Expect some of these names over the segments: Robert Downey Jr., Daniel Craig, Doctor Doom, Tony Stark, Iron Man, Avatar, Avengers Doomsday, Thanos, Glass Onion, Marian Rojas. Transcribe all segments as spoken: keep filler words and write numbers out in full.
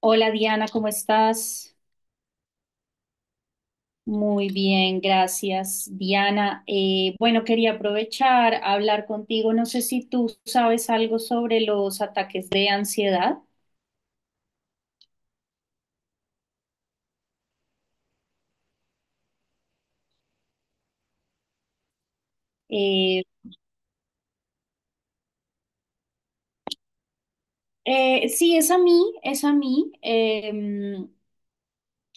Hola Diana, ¿cómo estás? Muy bien, gracias. Diana, eh, bueno, quería aprovechar a hablar contigo. No sé si tú sabes algo sobre los ataques de ansiedad. Eh, eh, sí, es a mí, es a mí. Eh,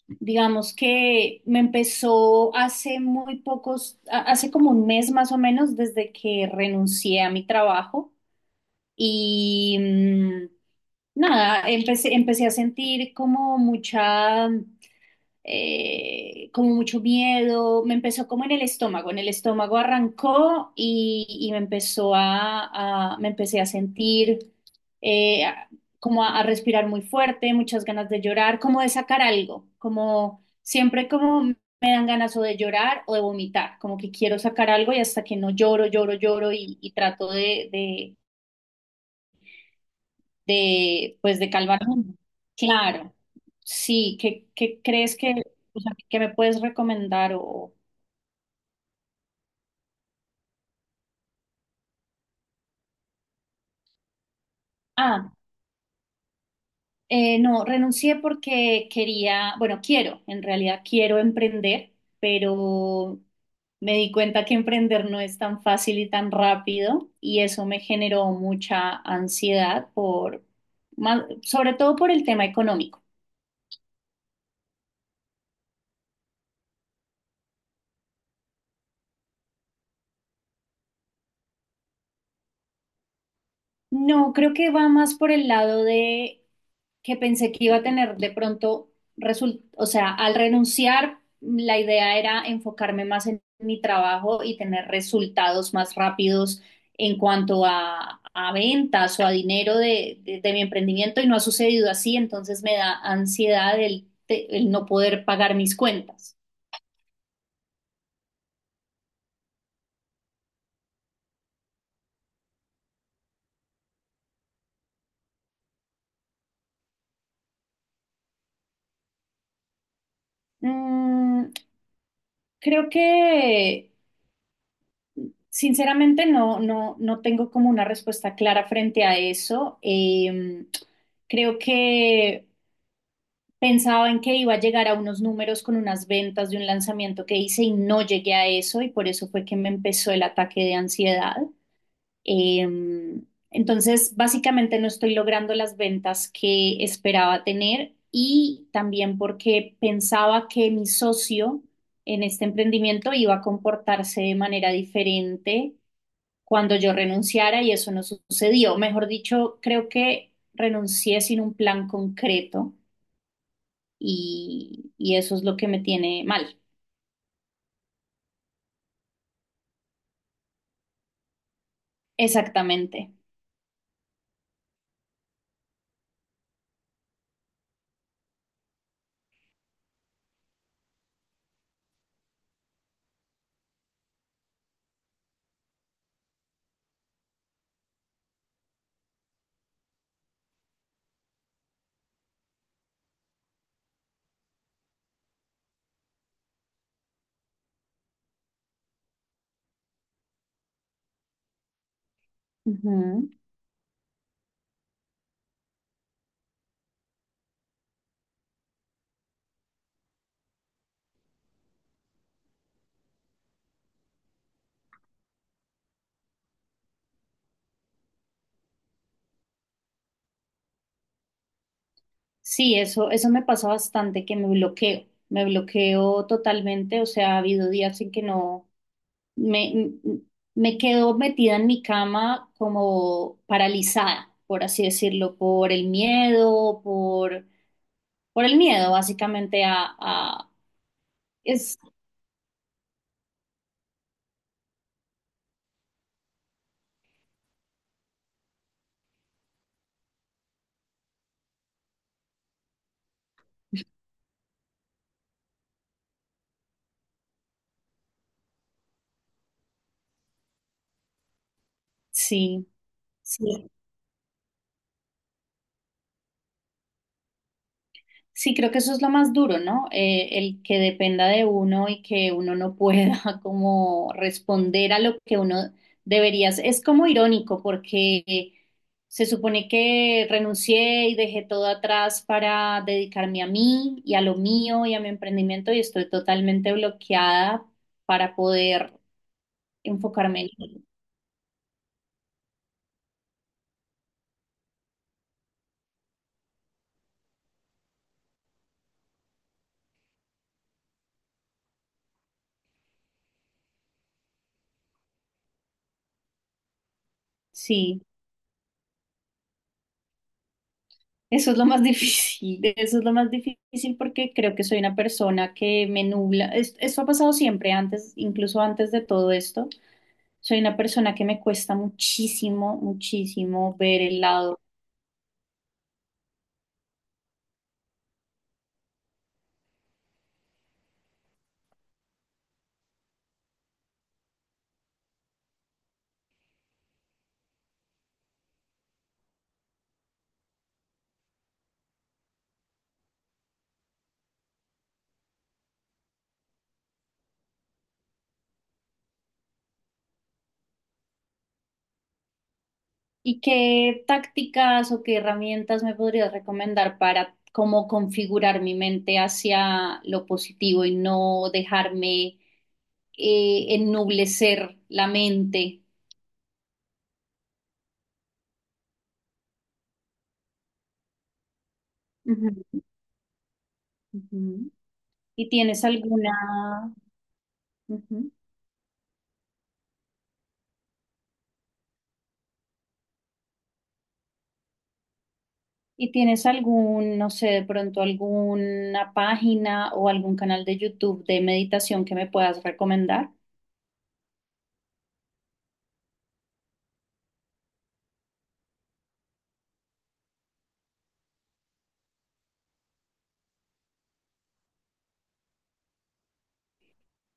Digamos que me empezó hace muy pocos, a- hace como un mes más o menos desde que renuncié a mi trabajo y mm, nada, empecé, empecé a sentir como mucha... eh, como mucho miedo, me empezó como en el estómago, en el estómago arrancó y, y me empezó a, a- me empecé a sentir eh, a- como a, a respirar muy fuerte, muchas ganas de llorar, como de sacar algo, como siempre como me dan ganas o de llorar o de vomitar, como que quiero sacar algo y hasta que no lloro, lloro, lloro y, y trato de, de de, pues, de calmar. Un- Claro, sí, ¿qué, qué crees que, o sea, ¿que me puedes recomendar? O, ah, eh, no, renuncié porque quería, bueno, quiero, en realidad quiero emprender, pero me di cuenta que emprender no es tan fácil y tan rápido y eso me generó mucha ansiedad por, más- sobre todo por el tema económico. No, creo que va más por el lado de que pensé que iba a tener de pronto result, o sea, al renunciar, la idea era enfocarme más en mi trabajo y tener resultados más rápidos en cuanto a, a ventas o a dinero de, de- de mi emprendimiento y no ha sucedido así, entonces me da ansiedad el, te- el no poder pagar mis cuentas. Mm, Creo que sinceramente, no, no, no tengo como una respuesta clara frente a eso. Em, creo que pensaba en que iba a llegar a unos números con unas ventas de un lanzamiento que hice y no llegué a eso y por eso fue que me empezó el ataque de ansiedad. Em, entonces, básicamente no estoy logrando las ventas que esperaba tener y también porque pensaba que mi socio en este emprendimiento iba a comportarse de manera diferente cuando yo renunciara y eso no sucedió. Mejor dicho, creo que renuncié sin un plan concreto y, y eso es lo que me tiene mal. Exactamente. Ujú. Sí, eso, eso me pasa bastante, que me bloqueo, me bloqueo totalmente, o sea, ha habido días en que no, me, me quedo metida en mi cama como paralizada, por así decirlo, por el miedo, por, por el miedo básicamente a, a- es, sí, sí, sí, creo que eso es lo más duro, ¿no? Eh, el que dependa de uno y que uno no pueda como responder a lo que uno debería hacer. Es como irónico porque se supone que renuncié y dejé todo atrás para dedicarme a mí y a lo mío y a mi emprendimiento y estoy totalmente bloqueada para poder enfocarme en... ello. Sí. Eso es lo más difícil, eso es lo más difícil porque creo que soy una persona que me nubla. Es- Esto ha pasado siempre antes, incluso antes de todo esto. Soy una persona que me cuesta muchísimo, muchísimo ver el lado. ¿Y qué tácticas o qué herramientas me podrías recomendar para cómo configurar mi mente hacia lo positivo y no dejarme eh, ennublecer la mente? Ujú, ujú. ¿Y tienes alguna? Ujú. ¿Y tienes algún, no sé, de pronto alguna página o algún canal de YouTube de meditación que me puedas recomendar?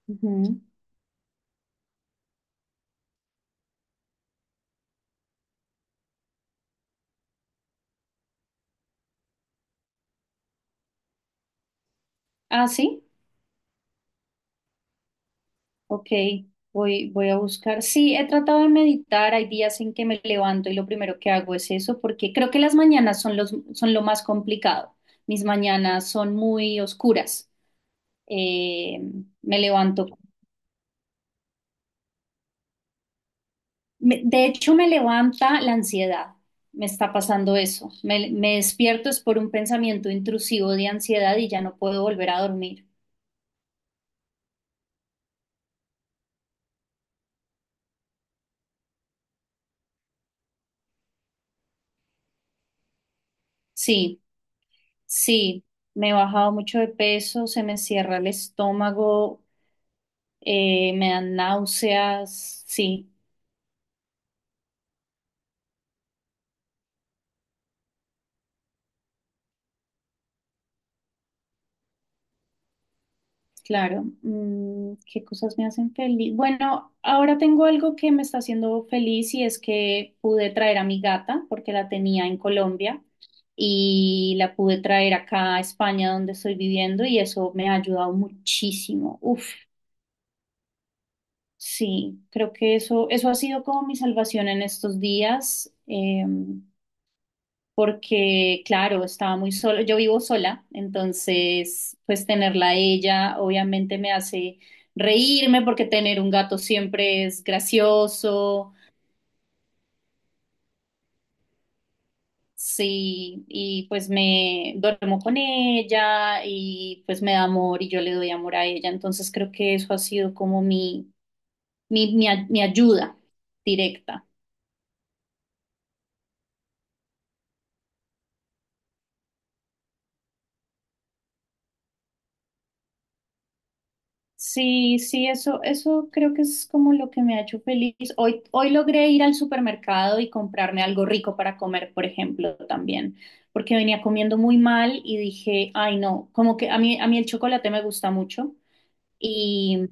Ujú. Ah, sí, ok, voy, voy a buscar. Sí, he tratado de meditar, hay días en que me levanto y lo primero que hago es eso, porque creo que las mañanas son los, son lo más complicado. Mis mañanas son muy oscuras. Eh, Me levanto... Me- de hecho, me levanta la ansiedad. Me está pasando eso. Me, me despierto es por un pensamiento intrusivo de ansiedad y ya no puedo volver a dormir. Sí, sí, me he bajado mucho de peso, se me cierra el estómago, eh, me dan náuseas, sí. Claro, mm, ¿qué cosas me hacen feliz? Bueno, ahora tengo algo que me está haciendo feliz y es que pude traer a mi gata porque la tenía en Colombia y la pude traer acá a España donde estoy viviendo y eso me ha ayudado muchísimo. Uf, sí, creo que eso, eso ha sido como mi salvación en estos días. Eh, porque, claro, estaba muy sola, yo vivo sola, entonces, pues tenerla a ella obviamente me hace reírme porque tener un gato siempre es gracioso, sí, y pues me duermo con ella y pues me da amor y yo le doy amor a ella, entonces creo que eso ha sido como mi, mi, mi, a- mi ayuda directa. Sí, sí, eso, eso creo que es como lo que me ha hecho feliz. Hoy, hoy logré ir al supermercado y comprarme algo rico para comer, por ejemplo, también, porque venía comiendo muy mal y dije, ay, no, como que a mí, a mí el chocolate me gusta mucho y,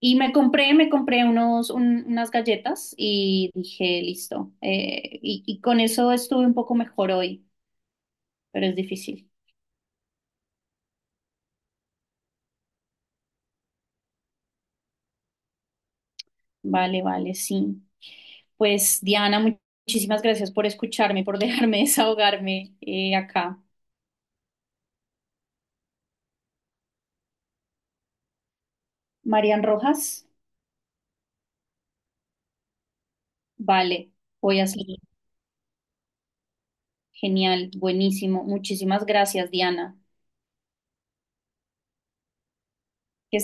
y me compré, me compré unos, un- unas galletas y dije, listo, eh, y, y con eso estuve un poco mejor hoy, pero es difícil. Vale, vale, sí. Pues Diana, mu- muchísimas gracias por escucharme, por dejarme desahogarme eh, acá. Marian Rojas, vale, voy a seguir. Genial, buenísimo. Muchísimas gracias, Diana. Que